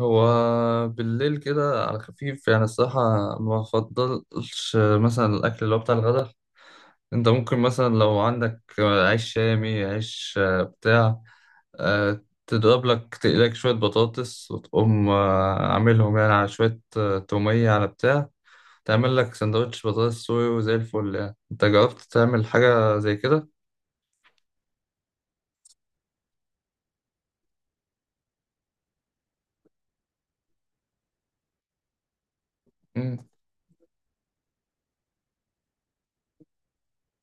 هو بالليل كده على خفيف يعني الصراحة. ما بفضلش مثلا الأكل اللي هو بتاع الغدا. أنت ممكن مثلا لو عندك عيش شامي عيش بتاع، تضرب لك تقلك شوية بطاطس، وتقوم عاملهم يعني على شوية تومية على بتاع. تعمل لك سندوتش بطاطس صويا وزي الفل يعني. أنت جربت تعمل حاجة زي كده؟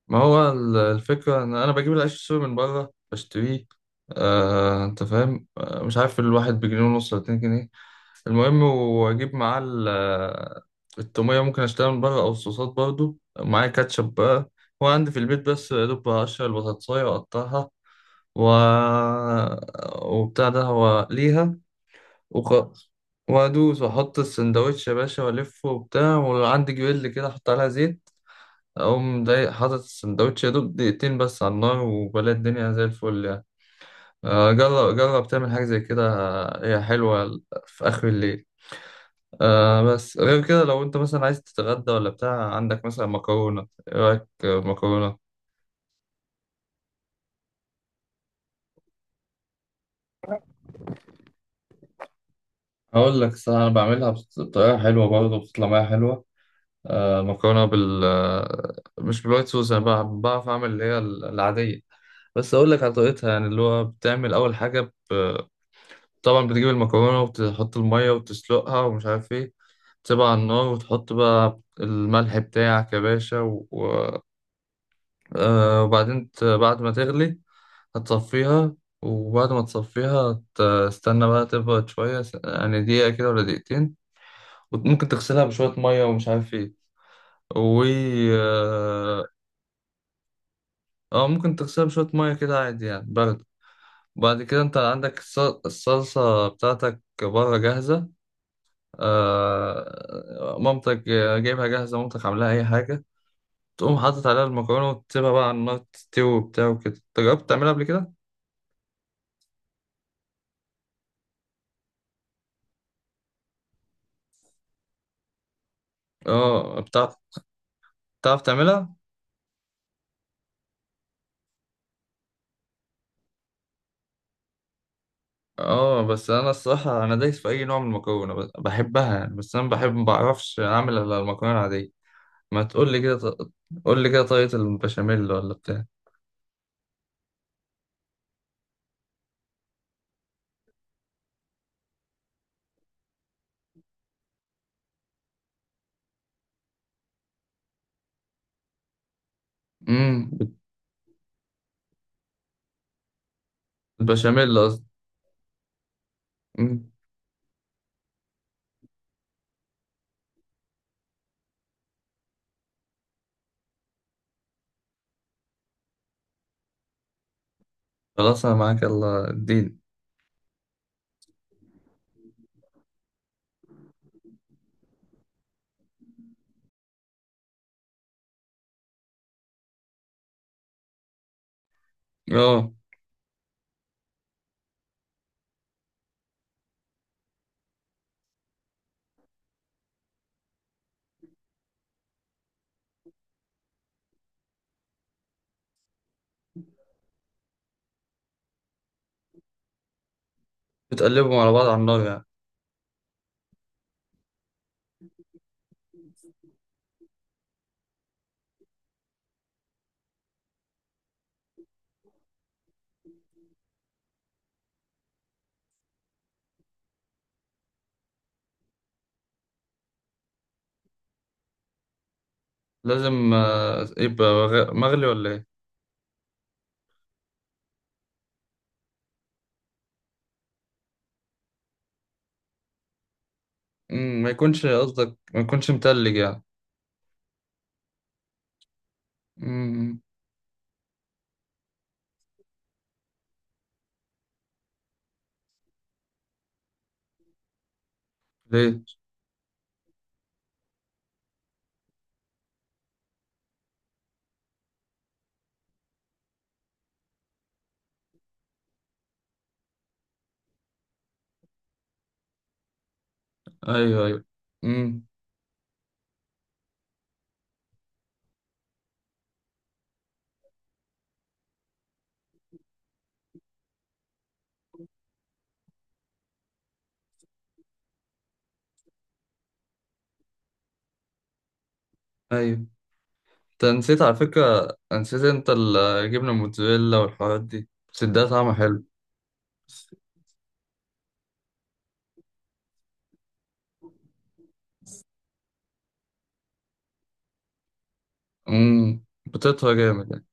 ما هو الفكرة إن أنا بجيب العيش السوري من بره بشتريه. أنت فاهم. مش عارف الواحد بجنيه ونص ولا 2 جنيه. المهم وأجيب معاه التومية ممكن أشتريها من بره، أو الصوصات برضو معايا كاتشب بقى هو عندي في البيت. بس يا دوب هقشر البطاطساية وأقطعها، و... وبتاع ده هو ليها. وخلاص وأدوس وأحط السندوتش يا باشا وألفه وبتاع، وعندي جريل كده أحط عليها زيت. أقوم جاي حاطط السندوتش يا دوب دقيقتين بس على النار، وبلاقي الدنيا زي الفل يعني. جرب جرب تعمل حاجة زي كده. هي حلوة في آخر الليل. بس غير كده، لو أنت مثلا عايز تتغدى ولا بتاع، عندك مثلا مكرونة. إيه رأيك مكرونة؟ هقول لك صح، أنا بعملها بطريقة حلوة برضه، بتطلع معايا حلوة. مكرونة بال آه، مش بالوايت صوص. أنا بعرف أعمل اللي هي العادية، بس أقول لك على طريقتها يعني. اللي هو بتعمل أول حاجة طبعا بتجيب المكرونة، وتحط المية وتسلقها ومش عارف ايه. تسيبها على النار، وتحط بقى الملح بتاعك يا باشا وبعدين بعد ما تغلي هتصفيها. وبعد ما تصفيها تستنى بقى تبرد شوية، يعني دقيقة كده ولا دقيقتين. وممكن تغسلها بشوية مية، ومش عارف ايه و اه آه، ممكن تغسلها بشوية مية كده عادي يعني برد. وبعد كده انت عندك الصلصة بتاعتك بره جاهزة. مامتك جايبها جاهزة، مامتك عاملاها أي حاجة. تقوم حاطط عليها المكرونة، وتسيبها بقى على النار تستوي وبتاع وكده. أنت جربت تعملها قبل كده؟ اه بتعرف. بتعرف تعملها؟ اه، بس أنا الصراحة أنا دايس في أي نوع من المكرونة، بحبها يعني. بس أنا بحب ما بعرفش أعمل إلا المكرونة العادية. ما تقول لي كده، قول لي كده طريقة البشاميل ولا بتاع. امم البشاميل قصدي. أمم، خلاص أنا معاك، يلا اديني. اه، بتقلبهم على بعض على النار يعني. لازم يبقى مغلي ولا ايه؟ ما يكونش قصدك ما يكونش متلج يعني. مم. ليه؟ ايوه، ايوه، امم ايوه. انت نسيت، على فكره نسيت انت، الجبنه الموتزاريلا والحوارات دي بس اديها طعم حلو. بتطهى جامد يعني.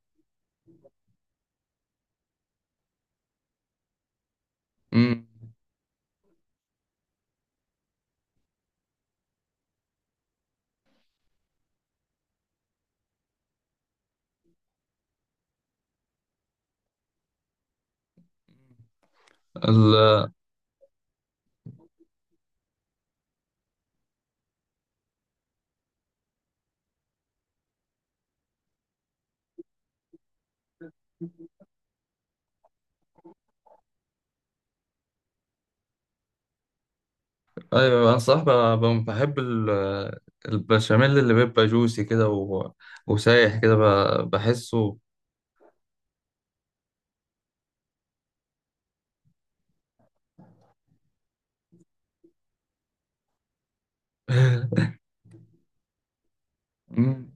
امم ال... ايوه، انا صراحه بحب البشاميل اللي بيبقى جوسي كده، وسايح كده، بحسه. مم.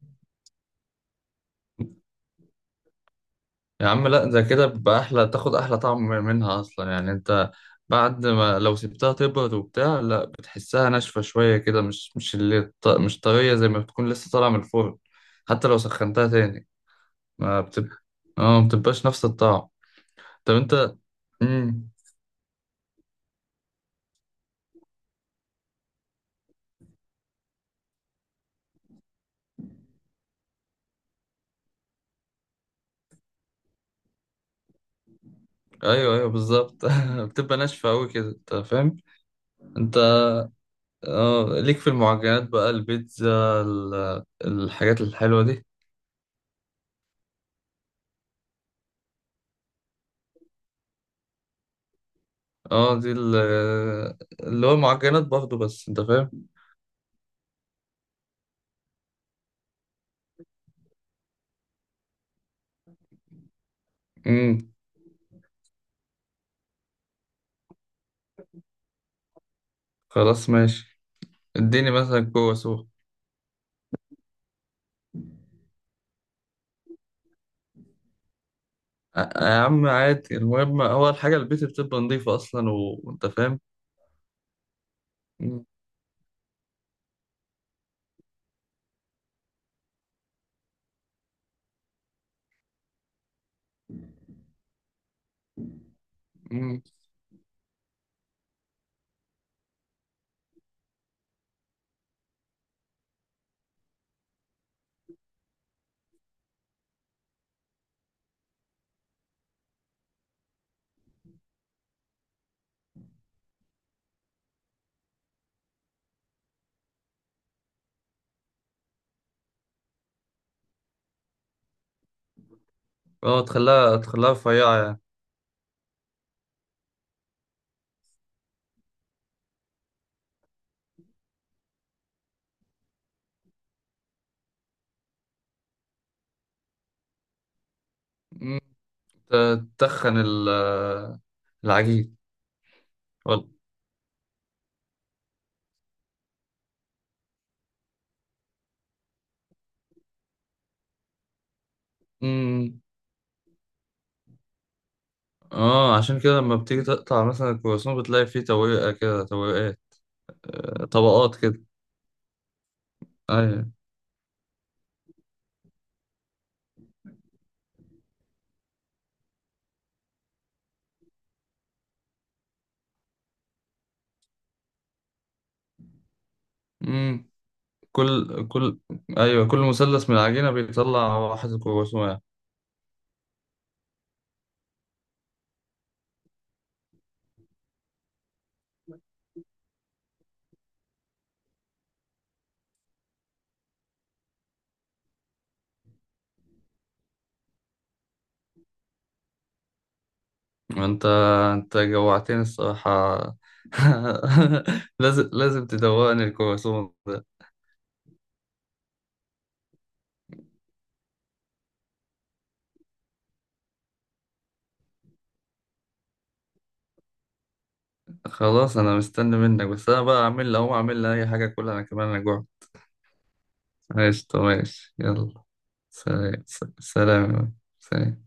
يا عم لا، ده كده بيبقى احلى، تاخد احلى طعم منها اصلا يعني. انت بعد ما لو سبتها تبرد وبتاع، لا، بتحسها ناشفه شويه كده، مش مش طريه زي ما بتكون لسه طالعه من الفرن. حتى لو سخنتها تاني ما بتبقى، اه ما بتبقاش نفس الطعم. طب انت. امم ايوه، ايوه، بالظبط. بتبقى ناشفه قوي كده، انت فاهم. انت، اه ليك في المعجنات بقى، البيتزا الحاجات الحلوه دي؟ اه، دي اللي هو معجنات برضه، بس انت فاهم. امم خلاص ماشي. اديني مثلا كوسه سوق. يا عم عادي، المهم هو الحاجة البيت بتبقى نظيفة أصلا، و- وأنت فاهم. مم. مم. اه، تخليها تخليها رفيعة يعني. مم. ت- تتخن العجين. وال- مم. اه، عشان كده لما بتيجي تقطع مثلا الكرواسون بتلاقي فيه تويقة كده تويقات. طبقات كده. أيوة. مم. كل كل أيوة، كل مثلث من العجينة بيطلع واحد كرواسون. انت انت جوعتني الصراحة. لازم تدوقني الكرواسون ده. خلاص، انا مستني منك. بس انا بقى اعمل لي اهو، اعمل لي اي حاجة كلها، انا كمان انا جوعت. ماشي، طب ماشي، يلا سلام. سلام يا مان. سلام.